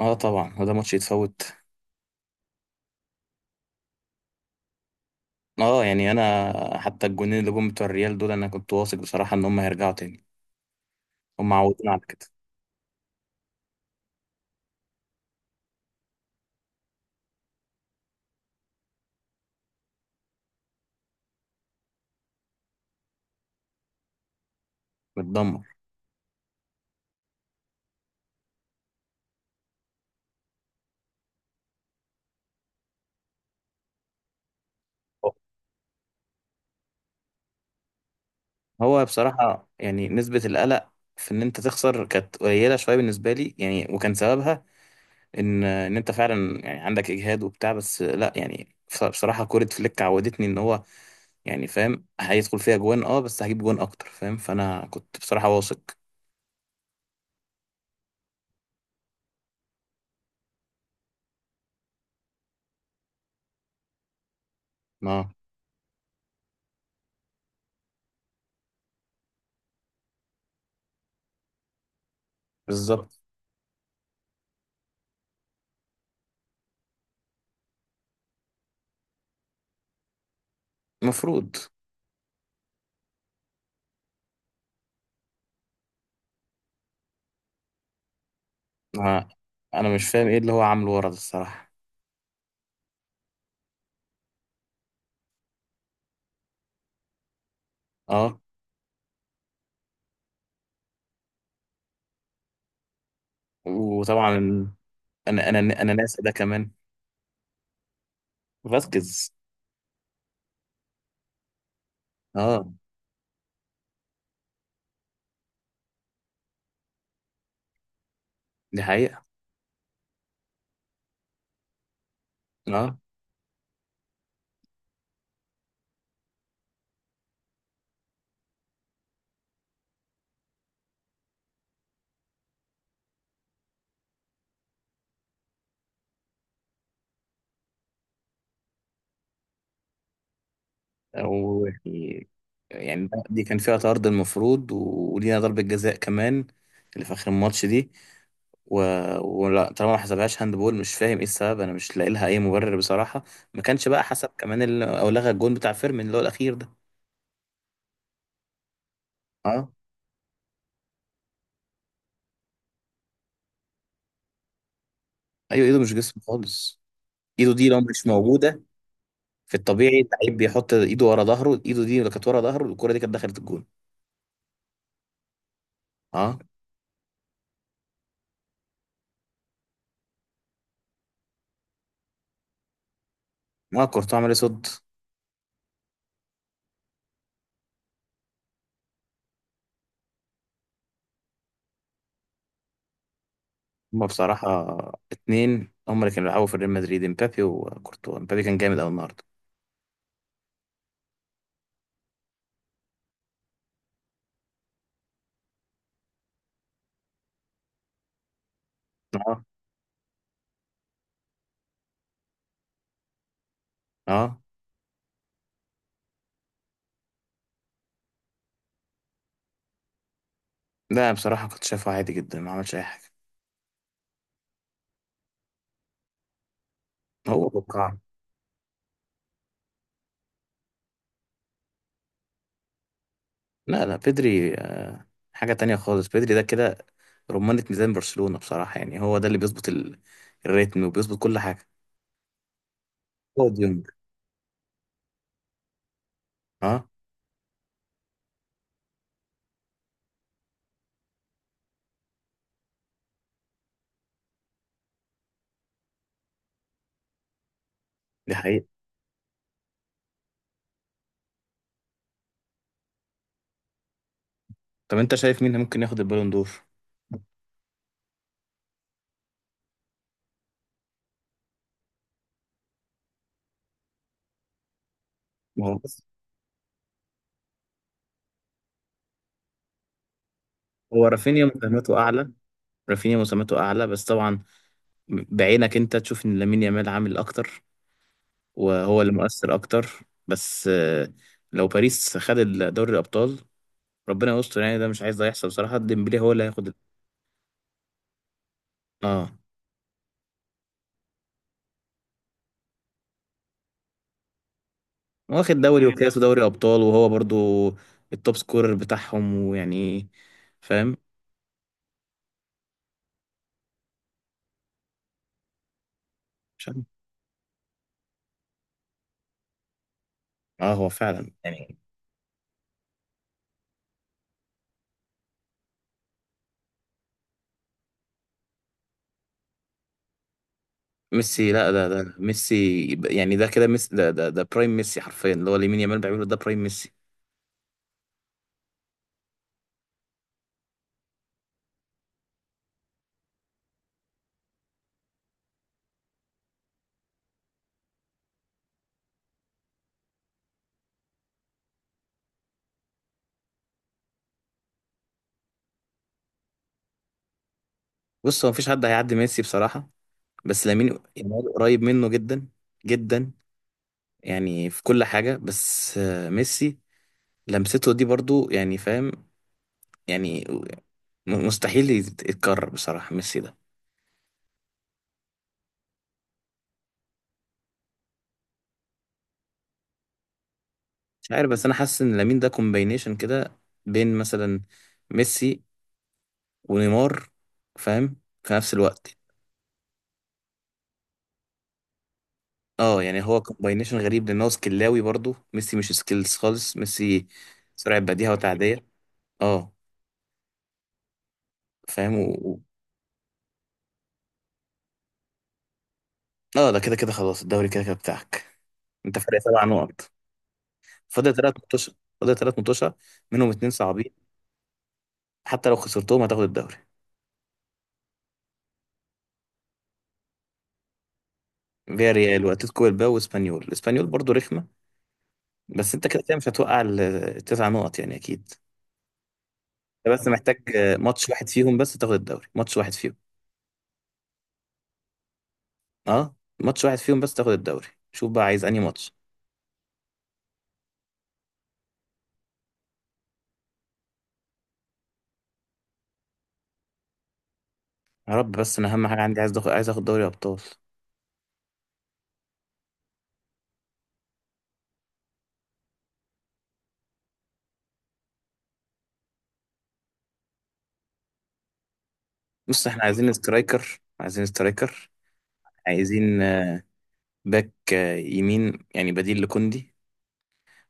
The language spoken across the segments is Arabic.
اه، طبعا هو ده ماتش يتفوت. اه يعني انا حتى الجونين اللي جم بتوع الريال دول انا كنت واثق بصراحه ان هم هيرجعوا تاني، هم عودونا على كده. متدمر. هو بصراحه يعني نسبه القلق في ان انت تخسر كانت قليله شويه بالنسبه لي يعني، وكان سببها ان انت فعلا يعني عندك اجهاد وبتاع، بس لا يعني بصراحه كوره فليك عودتني ان هو يعني فاهم هيدخل فيها جوان، اه بس هجيب جوان اكتر، فاهم؟ فانا كنت بصراحه واثق. اه. بالظبط. المفروض. ما انا مش فاهم ايه اللي هو عامله ورا ده الصراحه. اه. وطبعا انا ناسا ده كمان. فاسكيز. اه. دي حقيقه. اه. و... يعني دي كان فيها طرد المفروض، ولينا ضربه جزاء كمان، اللي في اخر الماتش دي. و... ولا طالما ما حسبهاش هاند بول، مش فاهم ايه السبب، انا مش لاقي لها اي مبرر بصراحه. ما كانش بقى حسب كمان او لغى الجون بتاع فيرمين اللي هو الاخير ده. اه. ايوه، ايده مش جسم خالص، ايده دي لو مش موجوده. في الطبيعي اللعيب بيحط ايده ورا ظهره، ايده دي اللي كانت ورا ظهره، الكرة دي كانت دخلت الجون. اه. ما كورتوا عمل إيه؟ صد. هما بصراحة اتنين هما اللي كانوا بيلعبوا في ريال مدريد: امبابي وكورتوا. امبابي كان جامد قوي النهارده. اه. اه. لا بصراحة كنت شايفه عادي جدا، ما عملش اي حاجة. هو توقع. لا لا، بيدري حاجة تانية خالص. بيدري ده كده رمانة ميزان برشلونة بصراحة، يعني هو ده اللي بيظبط الريتم وبيظبط كل حاجة. هو ديونج. اه. دي حقيقة. طب انت شايف مين ممكن ياخد البالون دور؟ ما هو هو رافينيا مساهماته اعلى، رافينيا مساهماته اعلى، بس طبعا بعينك انت تشوف ان لامين يامال عامل اكتر وهو اللي مؤثر اكتر. بس لو باريس خد دوري الابطال، ربنا يستر يعني، ده مش عايز ده يحصل بصراحه. ديمبلي هو اللي هياخد اه. واخد دوري وكاس ودوري ابطال، وهو برضو التوب سكورر بتاعهم، ويعني فاهم. مش عارف. اه، هو فعلا يعني. ميسي؟ لا، ده ميسي. يعني ده كده ميسي. ده برايم ميسي، حرفيا اللي هو لامين يامال بيعمله ده برايم ميسي. بص، هو مفيش حد هيعدي ميسي بصراحة، بس لامين يامال قريب منه جدا، جدا، يعني في كل حاجة. بس ميسي لمسته دي برضو يعني، فاهم يعني؟ مستحيل يتكرر بصراحة ميسي ده. مش عارف، بس أنا حاسس إن لامين ده كومباينيشن كده بين مثلا ميسي ونيمار، فاهم؟ في نفس الوقت. اه يعني هو كومباينيشن غريب، لأن هو سكلاوي، برضو ميسي مش سكيلز خالص ميسي، سرعة بديهة وتعدية. اه. فاهم. اه، ده كده كده خلاص، الدوري كده كده بتاعك. انت فرق 7 نقط، فاضل ثلاث متوشة. فاضل ثلاث متوشة منهم اتنين صعبين، حتى لو خسرتهم هتاخد الدوري. فيا ريال واتلتيكو بالباو واسبانيول، اسبانيول برضو رخمة، بس انت كده كده مش هتوقع ال9 نقط يعني، اكيد. انت بس محتاج ماتش واحد فيهم بس تاخد الدوري، ماتش واحد فيهم. اه، ماتش واحد فيهم بس تاخد الدوري، شوف بقى عايز انهي ماتش. يا رب، بس انا اهم حاجة عندي عايز اخد، عايز اخد دوري ابطال. بص، احنا عايزين سترايكر، عايزين سترايكر، عايزين باك يمين يعني، بديل لكوندي.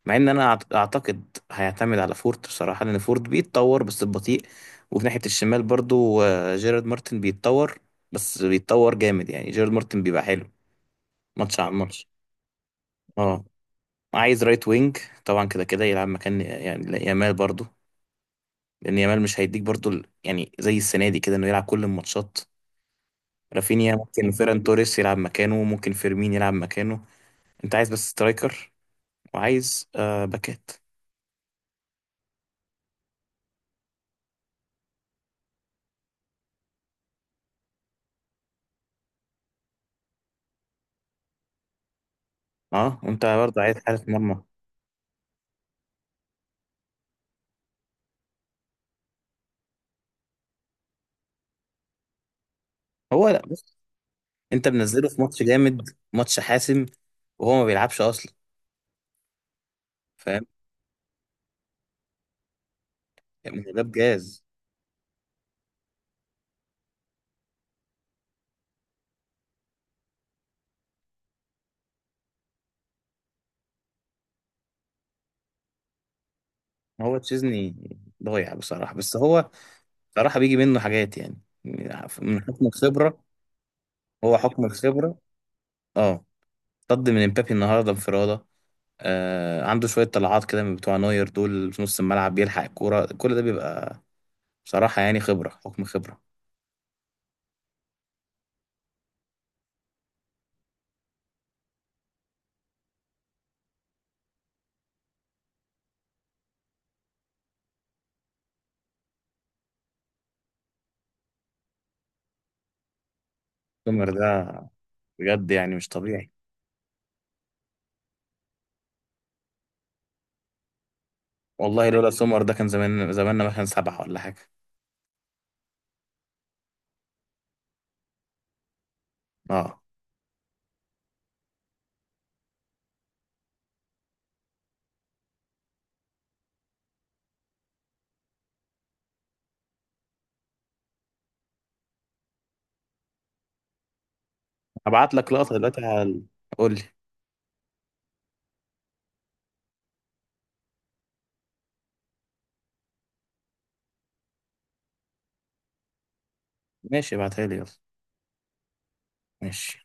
مع ان انا اعتقد هيعتمد على فورت بصراحه، لان فورت بيتطور بس ببطيء. وفي ناحيه الشمال برضو جيرارد مارتن بيتطور، بس بيتطور جامد يعني، جيرارد مارتن بيبقى حلو ماتش عن ماتش. اه. عايز رايت وينج طبعا، كده كده يلعب مكان يعني يامال برضو، لان يامال مش هيديك برضو يعني زي السنه دي كده انه يلعب كل الماتشات. رافينيا ممكن، فيران توريس يلعب مكانه ممكن، فيرمين يلعب مكانه. انت عايز بس سترايكر وعايز آه باكات. اه. انت برضه عايز حارس مرمى. هو لا، بص، انت منزله في ماتش جامد، ماتش حاسم، وهو ما بيلعبش اصلا، فاهم؟ يعني ده بجاز. هو تشيزني ضايع بصراحه، بس هو بصراحه بيجي منه حاجات يعني، من حكم الخبره، هو حكم الخبره. اه. طرد من امبابي النهارده انفراده. عنده شويه طلعات كده من بتوع نوير دول في نص الملعب، بيلحق الكوره، كل ده بيبقى بصراحه يعني خبره، حكم خبره. سومر ده بجد يعني مش طبيعي. والله لولا سمر ده كان زمان زماننا مثلا 7 ولا حاجة. اه. هبعت لك لقطة دلوقتي، على قول لي. ماشي، ابعتها لي يلا. ماشي.